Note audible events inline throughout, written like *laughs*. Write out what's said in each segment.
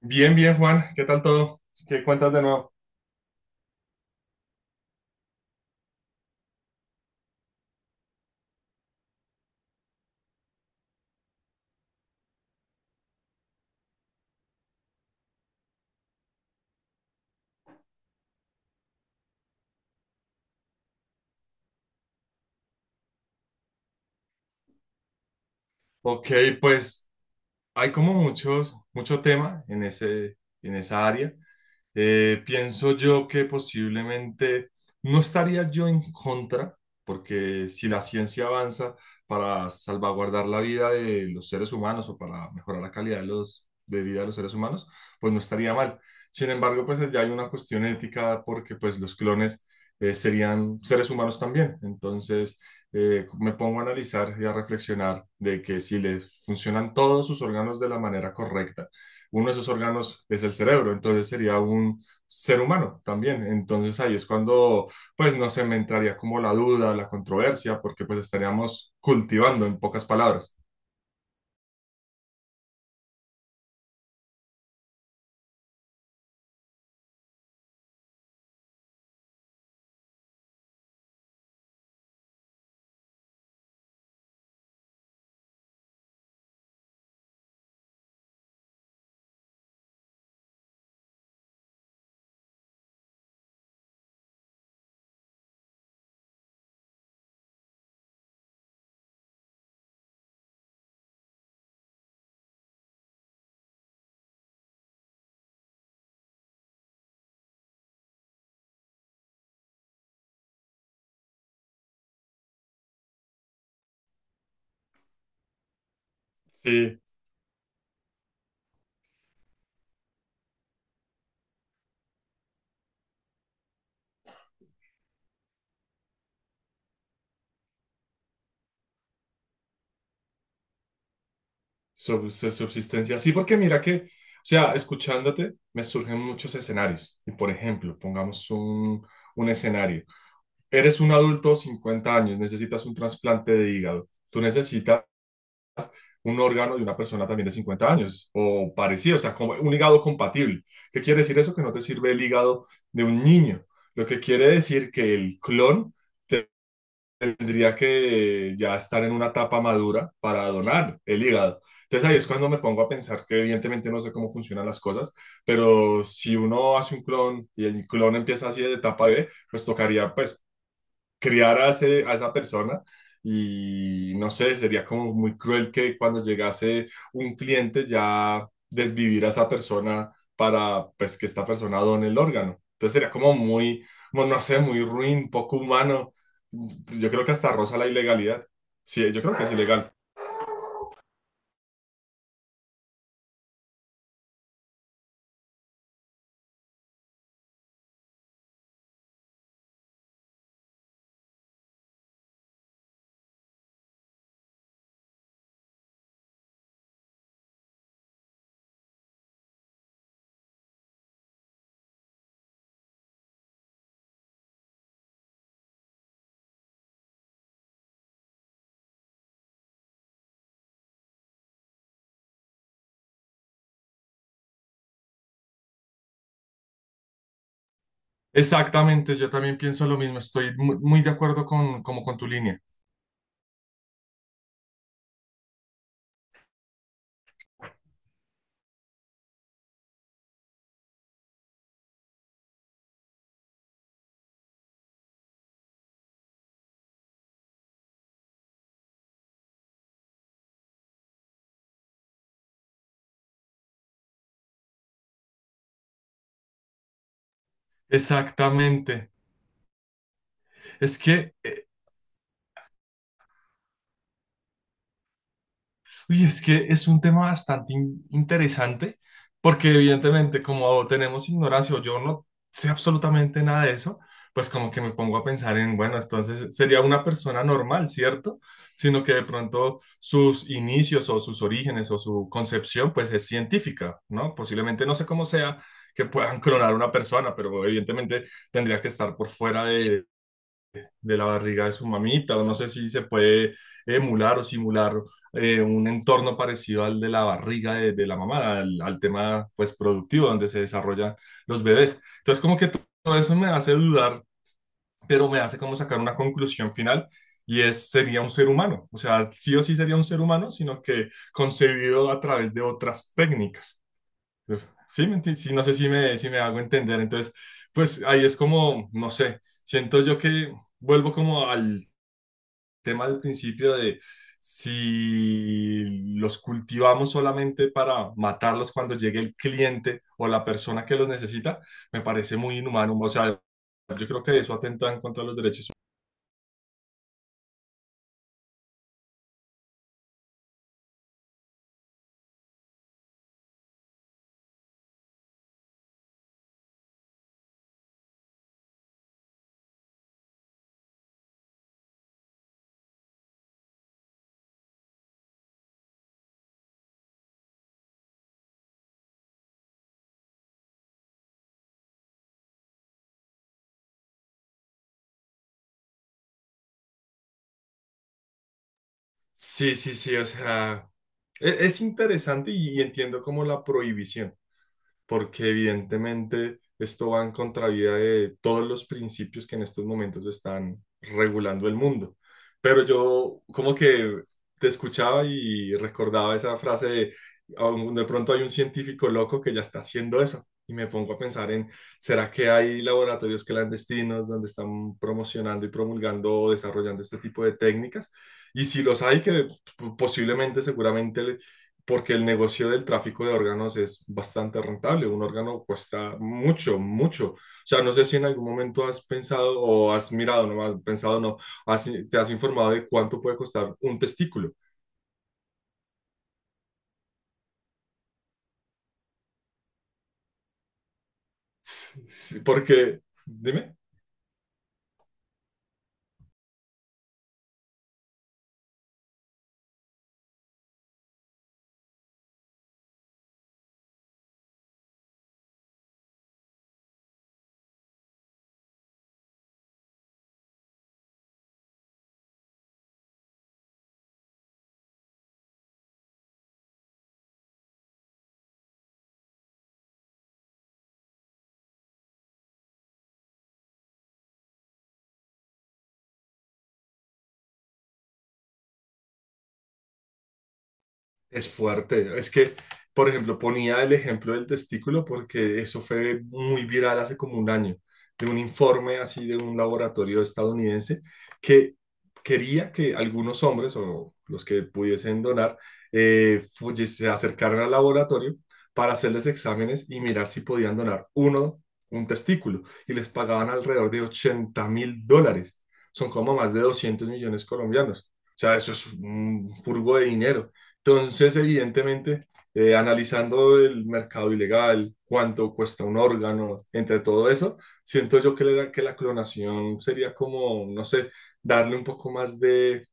Bien, bien, Juan. ¿Qué tal todo? ¿Qué cuentas de nuevo? Ok, pues hay como muchos, mucho tema en ese, en esa área. Pienso yo que posiblemente no estaría yo en contra, porque si la ciencia avanza para salvaguardar la vida de los seres humanos o para mejorar la calidad de los, de vida de los seres humanos, pues no estaría mal. Sin embargo, pues ya hay una cuestión ética porque pues los clones serían seres humanos también. Entonces me pongo a analizar y a reflexionar de que si le funcionan todos sus órganos de la manera correcta, uno de esos órganos es el cerebro, entonces sería un ser humano también. Entonces ahí es cuando, pues, no se me entraría como la duda, la controversia, porque pues estaríamos cultivando, en pocas palabras. Sí, subsistencia. Sí, porque mira que, o sea, escuchándote, me surgen muchos escenarios. Y por ejemplo, pongamos un escenario. Eres un adulto, 50 años, necesitas un trasplante de hígado. Tú necesitas un órgano de una persona también de 50 años o parecido, o sea, como un hígado compatible. ¿Qué quiere decir eso? Que no te sirve el hígado de un niño. Lo que quiere decir que el clon tendría que ya estar en una etapa madura para donar el hígado. Entonces ahí es cuando me pongo a pensar que evidentemente no sé cómo funcionan las cosas, pero si uno hace un clon y el clon empieza así de etapa B, pues tocaría pues criar a, a esa persona y no sé, sería como muy cruel que cuando llegase un cliente ya desvivir a esa persona para pues que esta persona done el órgano. Entonces sería como muy, bueno, no sé, muy ruin, poco humano. Yo creo que hasta roza la ilegalidad. Sí, yo creo que es ilegal. Exactamente, yo también pienso lo mismo, estoy muy, de acuerdo con, como con tu línea. Exactamente. Es que uy, es que es un tema bastante interesante porque evidentemente como tenemos ignorancia o yo no sé absolutamente nada de eso, pues como que me pongo a pensar en, bueno, entonces sería una persona normal, ¿cierto? Sino que de pronto sus inicios o sus orígenes o su concepción pues es científica, ¿no? Posiblemente no sé cómo sea que puedan *laughs* clonar una persona, pero evidentemente tendría que estar por fuera de la barriga de su mamita, o no sé si se puede emular o simular un entorno parecido al de la barriga de la mamá, al, al tema pues productivo donde se desarrollan los bebés. Entonces como que todo eso me hace dudar, pero me hace como sacar una conclusión final y es, sería un ser humano, o sea, sí o sí sería un ser humano, sino que concebido a través de otras técnicas. Sí, sí, no sé si me, si me hago entender. Entonces, pues ahí es como, no sé, siento yo que vuelvo como al tema al principio de si los cultivamos solamente para matarlos cuando llegue el cliente o la persona que los necesita, me parece muy inhumano. O sea, yo creo que eso atenta en contra de los derechos humanos. Sí, sí, sí, o sea, es, interesante y entiendo como la prohibición. Porque evidentemente esto va en contravía de todos los principios que en estos momentos están regulando el mundo. Pero yo como que te escuchaba y recordaba esa frase de, "Aún de pronto hay un científico loco que ya está haciendo eso." Y me pongo a pensar en, ¿será que hay laboratorios clandestinos donde están promocionando y promulgando o desarrollando este tipo de técnicas? Y si los hay, que posiblemente, seguramente porque el negocio del tráfico de órganos es bastante rentable. Un órgano cuesta mucho, mucho. O sea, no sé si en algún momento has pensado o has mirado, no has pensado, no, te has informado de cuánto puede costar un testículo. *laughs* Porque, dime. Es fuerte. Es que, por ejemplo, ponía el ejemplo del testículo porque eso fue muy viral hace como un año, de un informe así de un laboratorio estadounidense que quería que algunos hombres o los que pudiesen donar se acercaran al laboratorio para hacerles exámenes y mirar si podían donar un testículo, y les pagaban alrededor de $80.000. Son como más de 200 millones colombianos. O sea, eso es un furgo de dinero. Entonces, evidentemente, analizando el mercado ilegal, cuánto cuesta un órgano, entre todo eso, siento yo que la clonación sería como, no sé, darle un poco más de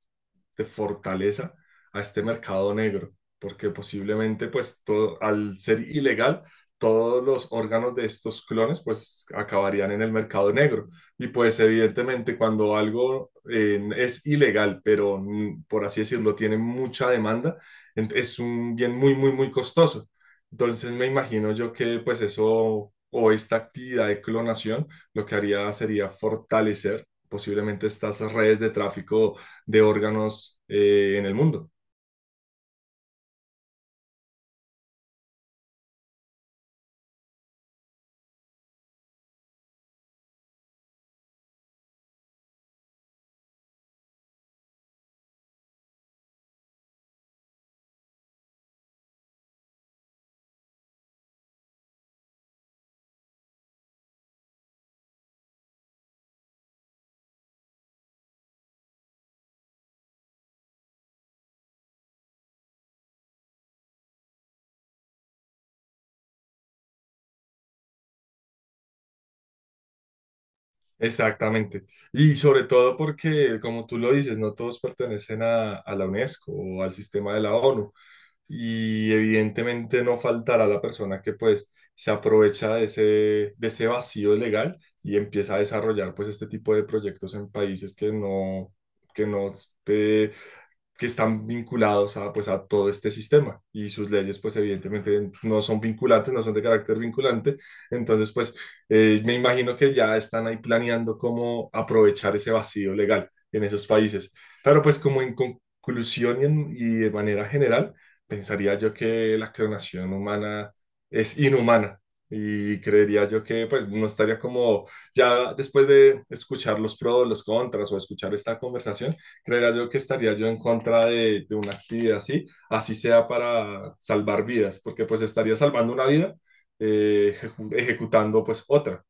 fortaleza a este mercado negro, porque posiblemente pues todo, al ser ilegal, todos los órganos de estos clones pues acabarían en el mercado negro. Y pues evidentemente cuando algo es ilegal, pero por así decirlo, tiene mucha demanda, es un bien muy, muy, muy costoso. Entonces me imagino yo que pues eso o esta actividad de clonación lo que haría sería fortalecer posiblemente estas redes de tráfico de órganos en el mundo. Exactamente. Y sobre todo porque, como tú lo dices, no todos pertenecen a la UNESCO o al sistema de la ONU. Y evidentemente no faltará la persona que pues se aprovecha de ese vacío legal y empieza a desarrollar pues este tipo de proyectos en países que no, que no, eh, que están vinculados a pues a todo este sistema y sus leyes pues evidentemente no son vinculantes, no son de carácter vinculante, entonces pues me imagino que ya están ahí planeando cómo aprovechar ese vacío legal en esos países. Pero pues como en conclusión y, y de manera general, pensaría yo que la clonación humana es inhumana y creería yo que pues no estaría como ya después de escuchar los pros, los contras o escuchar esta conversación, creería yo que estaría yo en contra de una actividad así, así sea para salvar vidas, porque pues estaría salvando una vida ejecutando pues otra.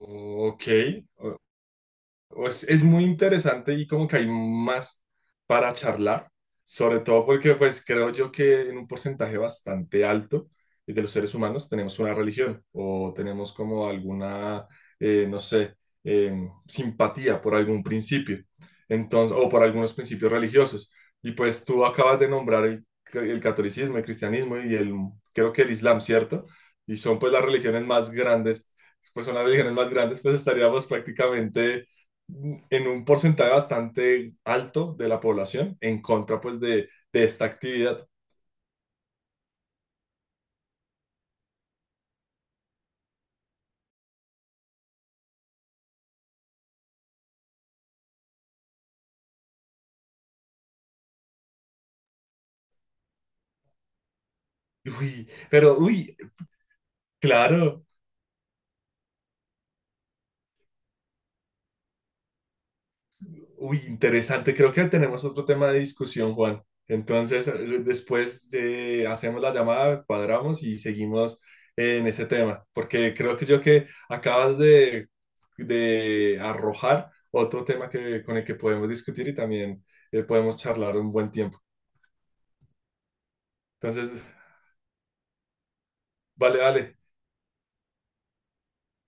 Ok, es muy interesante y como que hay más para charlar, sobre todo porque pues creo yo que en un porcentaje bastante alto de los seres humanos tenemos una religión o tenemos como alguna, no sé, simpatía por algún principio, entonces, o por algunos principios religiosos. Y pues tú acabas de nombrar el catolicismo, el cristianismo y el, creo que el islam, ¿cierto? Y son pues las religiones más grandes, pues son las religiones más grandes, pues estaríamos prácticamente en un porcentaje bastante alto de la población en contra pues de esta actividad. Uy, pero uy, claro, uy, interesante. Creo que tenemos otro tema de discusión, Juan. Entonces, después hacemos la llamada, cuadramos y seguimos en ese tema, porque creo que yo que acabas de arrojar otro tema que, con el que podemos discutir y también podemos charlar un buen tiempo. Entonces, vale, vale.